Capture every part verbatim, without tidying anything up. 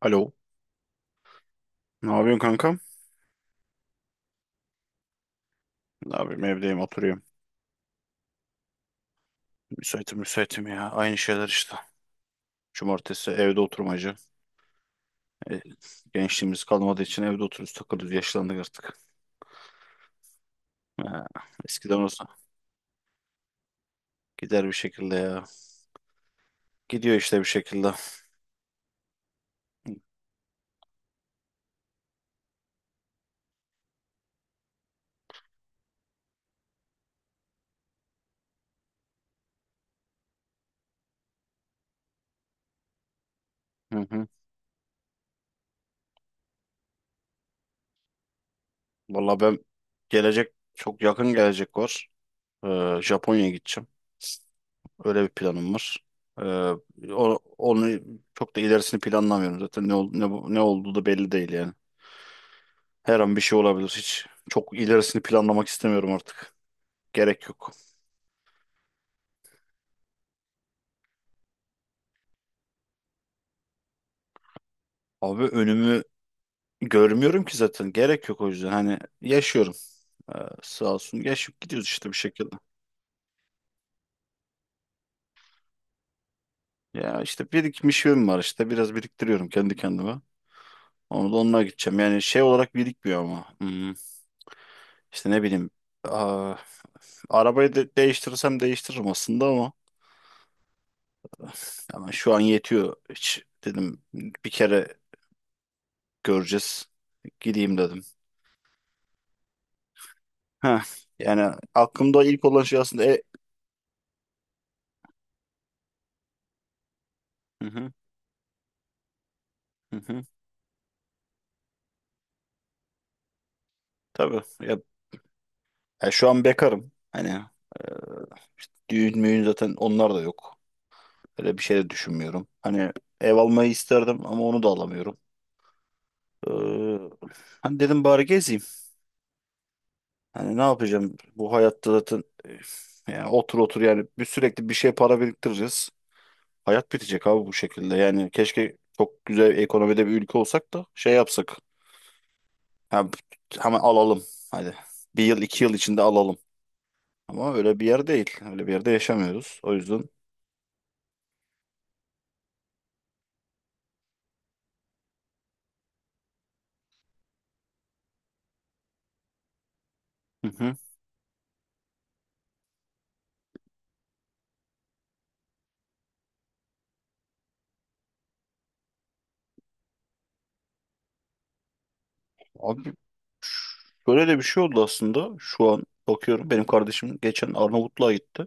Alo. Ne yapıyorsun kankam? Ne yapayım evdeyim oturuyorum. Müsaitim müsaitim ya. Aynı şeyler işte. Cumartesi evde oturmacı. E, gençliğimiz kalmadığı için evde oturuyoruz takılıyoruz. Yaşlandık artık. Ha, eskiden olsa gider bir şekilde ya. Gidiyor işte bir şekilde. Hı hı. Valla ben gelecek çok yakın gelecek var. Ee, Japonya'ya gideceğim. Öyle bir planım var. Ee, o- onu çok da ilerisini planlamıyorum zaten. Ne, ol- ne, bu- ne olduğu da belli değil yani. Her an bir şey olabilir. Hiç çok ilerisini planlamak istemiyorum artık. Gerek yok. Abi önümü görmüyorum ki zaten. Gerek yok o yüzden. Hani yaşıyorum. Ee, sağ olsun yaşayıp gidiyoruz işte bir şekilde. Ya işte birikmişim var işte. Biraz biriktiriyorum kendi kendime. Onu da onunla gideceğim. Yani şey olarak birikmiyor ama. Hmm, işte ne bileyim. Aa, arabayı de değiştirirsem değiştiririm aslında ama. Ama şu an yetiyor. Hiç dedim bir kere göreceğiz. Gideyim dedim. Ha, yani aklımda ilk olan şey aslında e hı hı, hı hı. Tabii ya, ya şu an bekarım. Hani düğün müğün zaten onlar da yok. Öyle bir şey de düşünmüyorum. Hani ev almayı isterdim ama onu da alamıyorum. Ee, hani dedim bari gezeyim. Hani ne yapacağım bu hayatta zaten e, yani otur otur yani bir sürekli bir şey para biriktireceğiz. Hayat bitecek abi bu şekilde. Yani keşke çok güzel ekonomide bir ülke olsak da şey yapsak. Ha, hemen alalım. Hadi. Bir yıl iki yıl içinde alalım. Ama öyle bir yer değil. Öyle bir yerde yaşamıyoruz. O yüzden. Hı hı. Abi böyle de bir şey oldu aslında. Şu an bakıyorum. Benim kardeşim geçen Arnavutluğa gitti.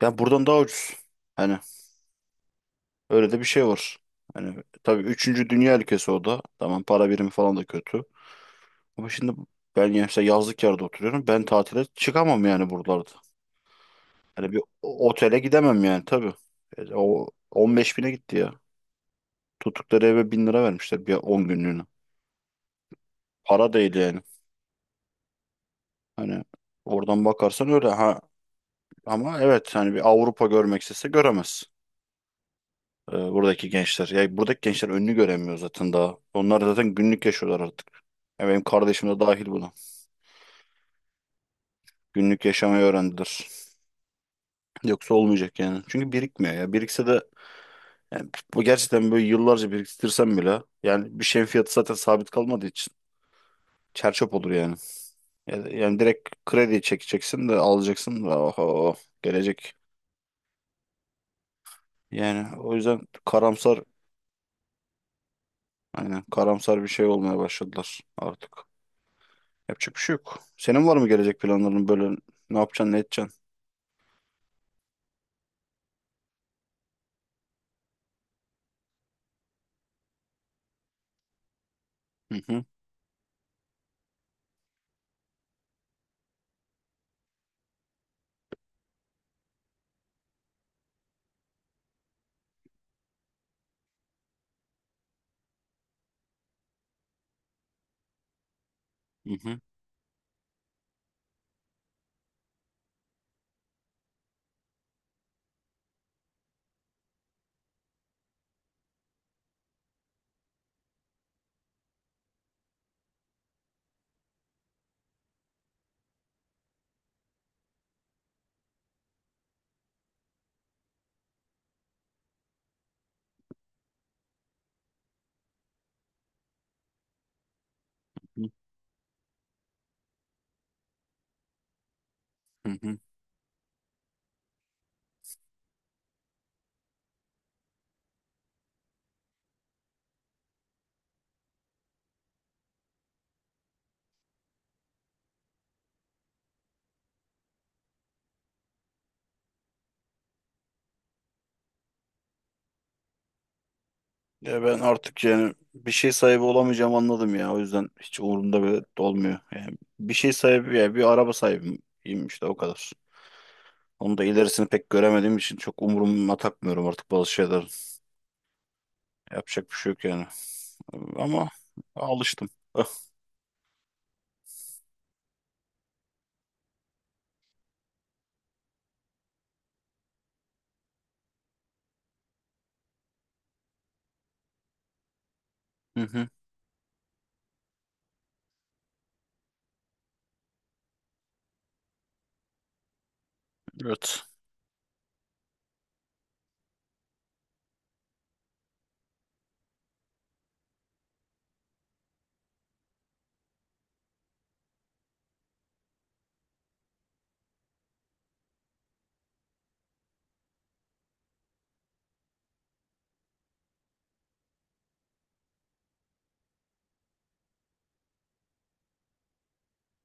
Ya buradan daha ucuz. Hani öyle de bir şey var. Hani tabii üçüncü dünya ülkesi o da. Tamam para birimi falan da kötü. Ama şimdi ben ya- mesela yazlık yerde oturuyorum. Ben tatile çıkamam yani buralarda. Hani bir otele gidemem yani tabii. E, o on beş bine gitti ya. Tuttukları eve bin lira vermişler bir on günlüğüne. Para değil yani. Hani oradan bakarsan öyle ha. Ama evet hani bir Avrupa görmek istese göremez. E, buradaki gençler. Ya buradaki gençler önünü göremiyor zaten daha. Onlar zaten günlük yaşıyorlar artık. Ya benim kardeşim de dahil buna. Günlük yaşamayı öğrendiler. Yoksa olmayacak yani. Çünkü birikmiyor ya. Birikse de yani bu gerçekten böyle yıllarca biriktirsem bile yani bir şeyin fiyatı zaten sabit kalmadığı için. Çerçöp olur yani. Yani, yani direkt kredi çekeceksin de alacaksın da oho, gelecek. Yani o yüzden karamsar aynen karamsar bir şey olmaya başladılar artık. Yapacak bir şey yok. Senin var mı gelecek planların böyle ne yapacaksın ne edeceksin? Hı hı, hı hı, hı hı. Hı. Ya ben artık yani bir şey sahibi olamayacağım anladım ya. O yüzden hiç umurumda bile olmuyor. Yani bir şey sahibi yani bir araba sahibiyim işte o kadar. Onu da ilerisini pek göremediğim için çok umuruma takmıyorum artık bazı şeyler. Yapacak bir şey yok yani. Ama alıştım. Ah, hı hı, evet.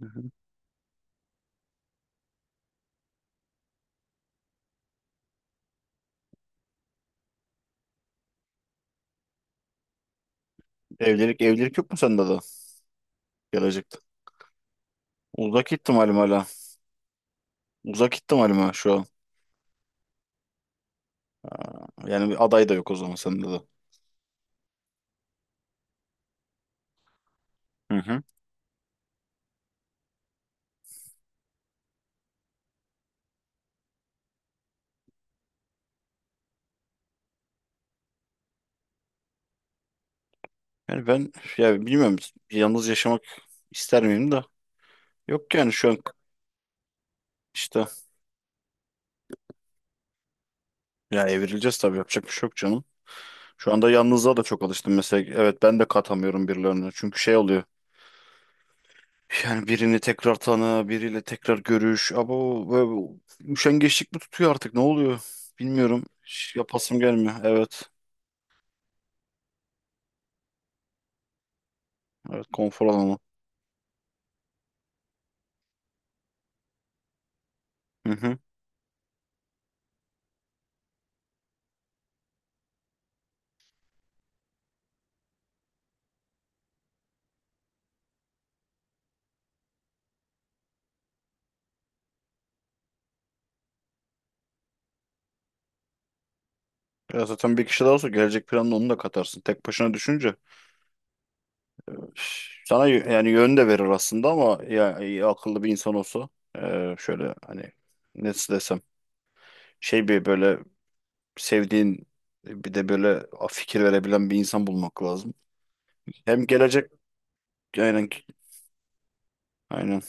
Hı hı. Evlilik evlilik yok mu sende de gelecekte? Uzak ihtimalim hala. Uzak ihtimalim ha şu an. Aa, yani bir aday da yok o zaman sende de. Hı hı. Yani ben ya bilmiyorum yalnız yaşamak ister miyim da? Yok yani şu an işte ya evrileceğiz tabii yapacak bir şey yok canım. Şu anda yalnızlığa da çok alıştım mesela. Evet ben de katamıyorum birilerine. Çünkü şey oluyor. Yani birini tekrar tanı, biriyle tekrar görüş. Abo böyle bir üşengeçlik mi tutuyor artık? Ne oluyor? Bilmiyorum. Hiç yapasım gelmiyor. Evet. Evet, konfor alanı. Hı hı. Ya zaten bir kişi daha olsa gelecek planını onu da katarsın. Tek başına düşünce sana y- yani yön de verir aslında ama ya, ya akıllı bir insan olsa e, şöyle hani nasıl desem şey bir böyle sevdiğin bir de böyle fikir verebilen bir insan bulmak lazım. Hem gelecek aynen aynen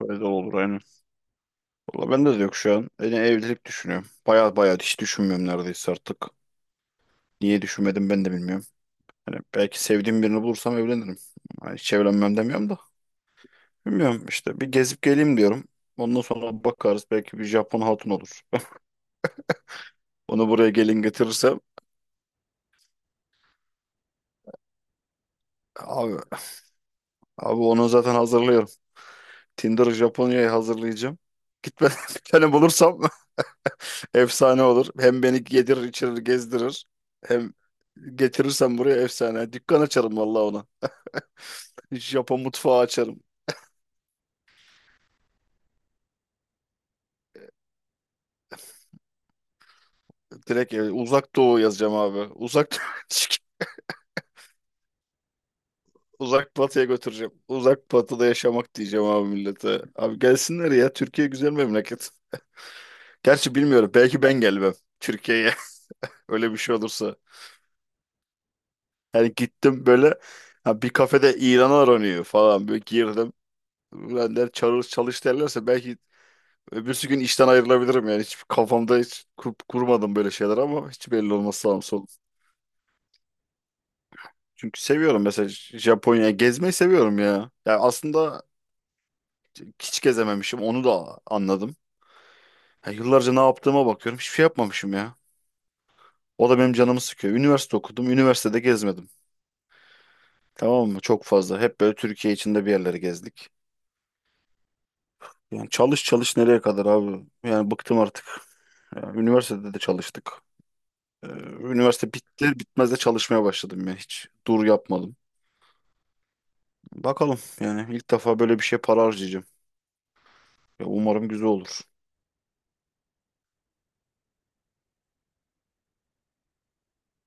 böyle de olur aynen. Valla bende de yok şu an. Yani evlilik düşünüyorum. Baya baya hiç düşünmüyorum neredeyse artık. Niye düşünmedim ben de bilmiyorum. Hani belki sevdiğim birini bulursam evlenirim. Hani hiç evlenmem demiyorum da. Bilmiyorum işte bir gezip geleyim diyorum. Ondan sonra bakarız belki bir Japon hatun olur. Onu buraya gelin getirirsem abi, abi onu zaten hazırlıyorum. Tinder Japonya'yı hazırlayacağım. Gitmeden bir tane bulursam efsane olur. Hem beni yedirir içirir gezdirir. Hem getirirsem buraya efsane. Dükkan açarım vallahi ona. Japon mutfağı açarım. Direkt e, uzak doğu yazacağım abi. Uzak uzak batıya götüreceğim. Uzak batıda yaşamak diyeceğim abi millete. Abi gelsinler ya. Türkiye güzel memleket. Gerçi bilmiyorum. Belki ben gelmem Türkiye'ye. Öyle bir şey olursa. Yani gittim böyle ha, bir kafede İran aranıyor falan. Böyle girdim. Ben der çalış, çalış derlerse belki öbürsü gün işten ayrılabilirim yani. Hiç kafamda hiç kur- kurmadım böyle şeyler ama hiç belli olmaz sağım solum. Çünkü seviyorum mesela J- Japonya'ya gezmeyi seviyorum ya. Ya aslında hiç gezememişim onu da anladım. Ya yıllarca ne yaptığıma bakıyorum hiçbir şey yapmamışım ya. O da benim canımı sıkıyor. Üniversite okudum, üniversitede gezmedim. Tamam mı? Çok fazla. Hep böyle Türkiye içinde bir yerlere gezdik. Yani çalış çalış nereye kadar abi? Yani bıktım artık. Ya üniversitede de çalıştık. Ee, üniversite bitti, bitmez de çalışmaya başladım ya. Hiç dur yapmadım. Bakalım yani ilk defa böyle bir şey para harcayacağım. Ya umarım güzel olur.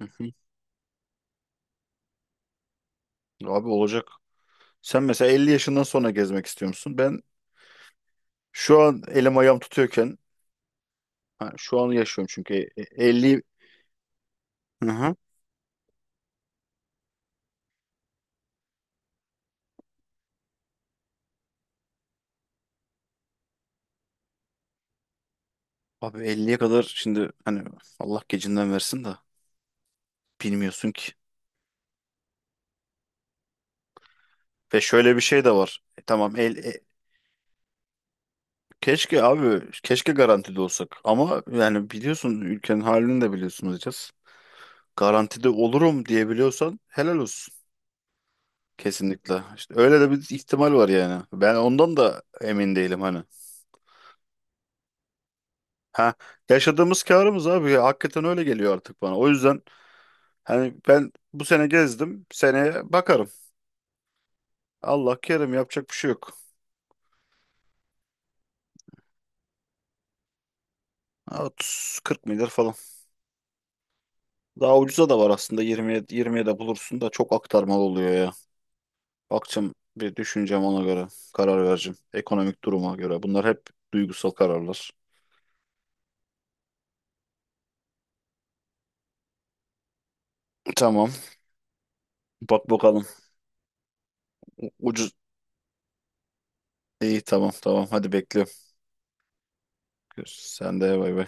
Hı hı. Abi olacak. Sen mesela elli yaşından sonra gezmek istiyor musun? Ben şu an elim ayağım tutuyorken ha, şu an yaşıyorum çünkü E- e- elli. Hı hı. Abi elliye kadar şimdi hani Allah gecinden versin de bilmiyorsun ki. Ve şöyle bir şey de var. E, tamam el, e, keşke abi keşke garantide olsak ama yani biliyorsun ülkenin halini de biliyorsunuz diyeceğiz. Garantide olurum diyebiliyorsan helal olsun. Kesinlikle. İşte öyle de bir ihtimal var yani. Ben ondan da emin değilim hani. Ha, yaşadığımız karımız abi ya, hakikaten öyle geliyor artık bana. O yüzden hani ben bu sene gezdim. Seneye bakarım. Allah kerim yapacak bir şey yok. Ha, otuz kırk milyar falan. Daha ucuza da var aslında yirmi yirmiye de bulursun da çok aktarmalı oluyor ya. Bakacağım bir düşüneceğim ona göre karar vereceğim. Ekonomik duruma göre. Bunlar hep duygusal kararlar. Tamam. Bak bakalım. U- Ucuz. İyi tamam tamam. Hadi bekliyorum. Görüşürüz. Sen de bay bay.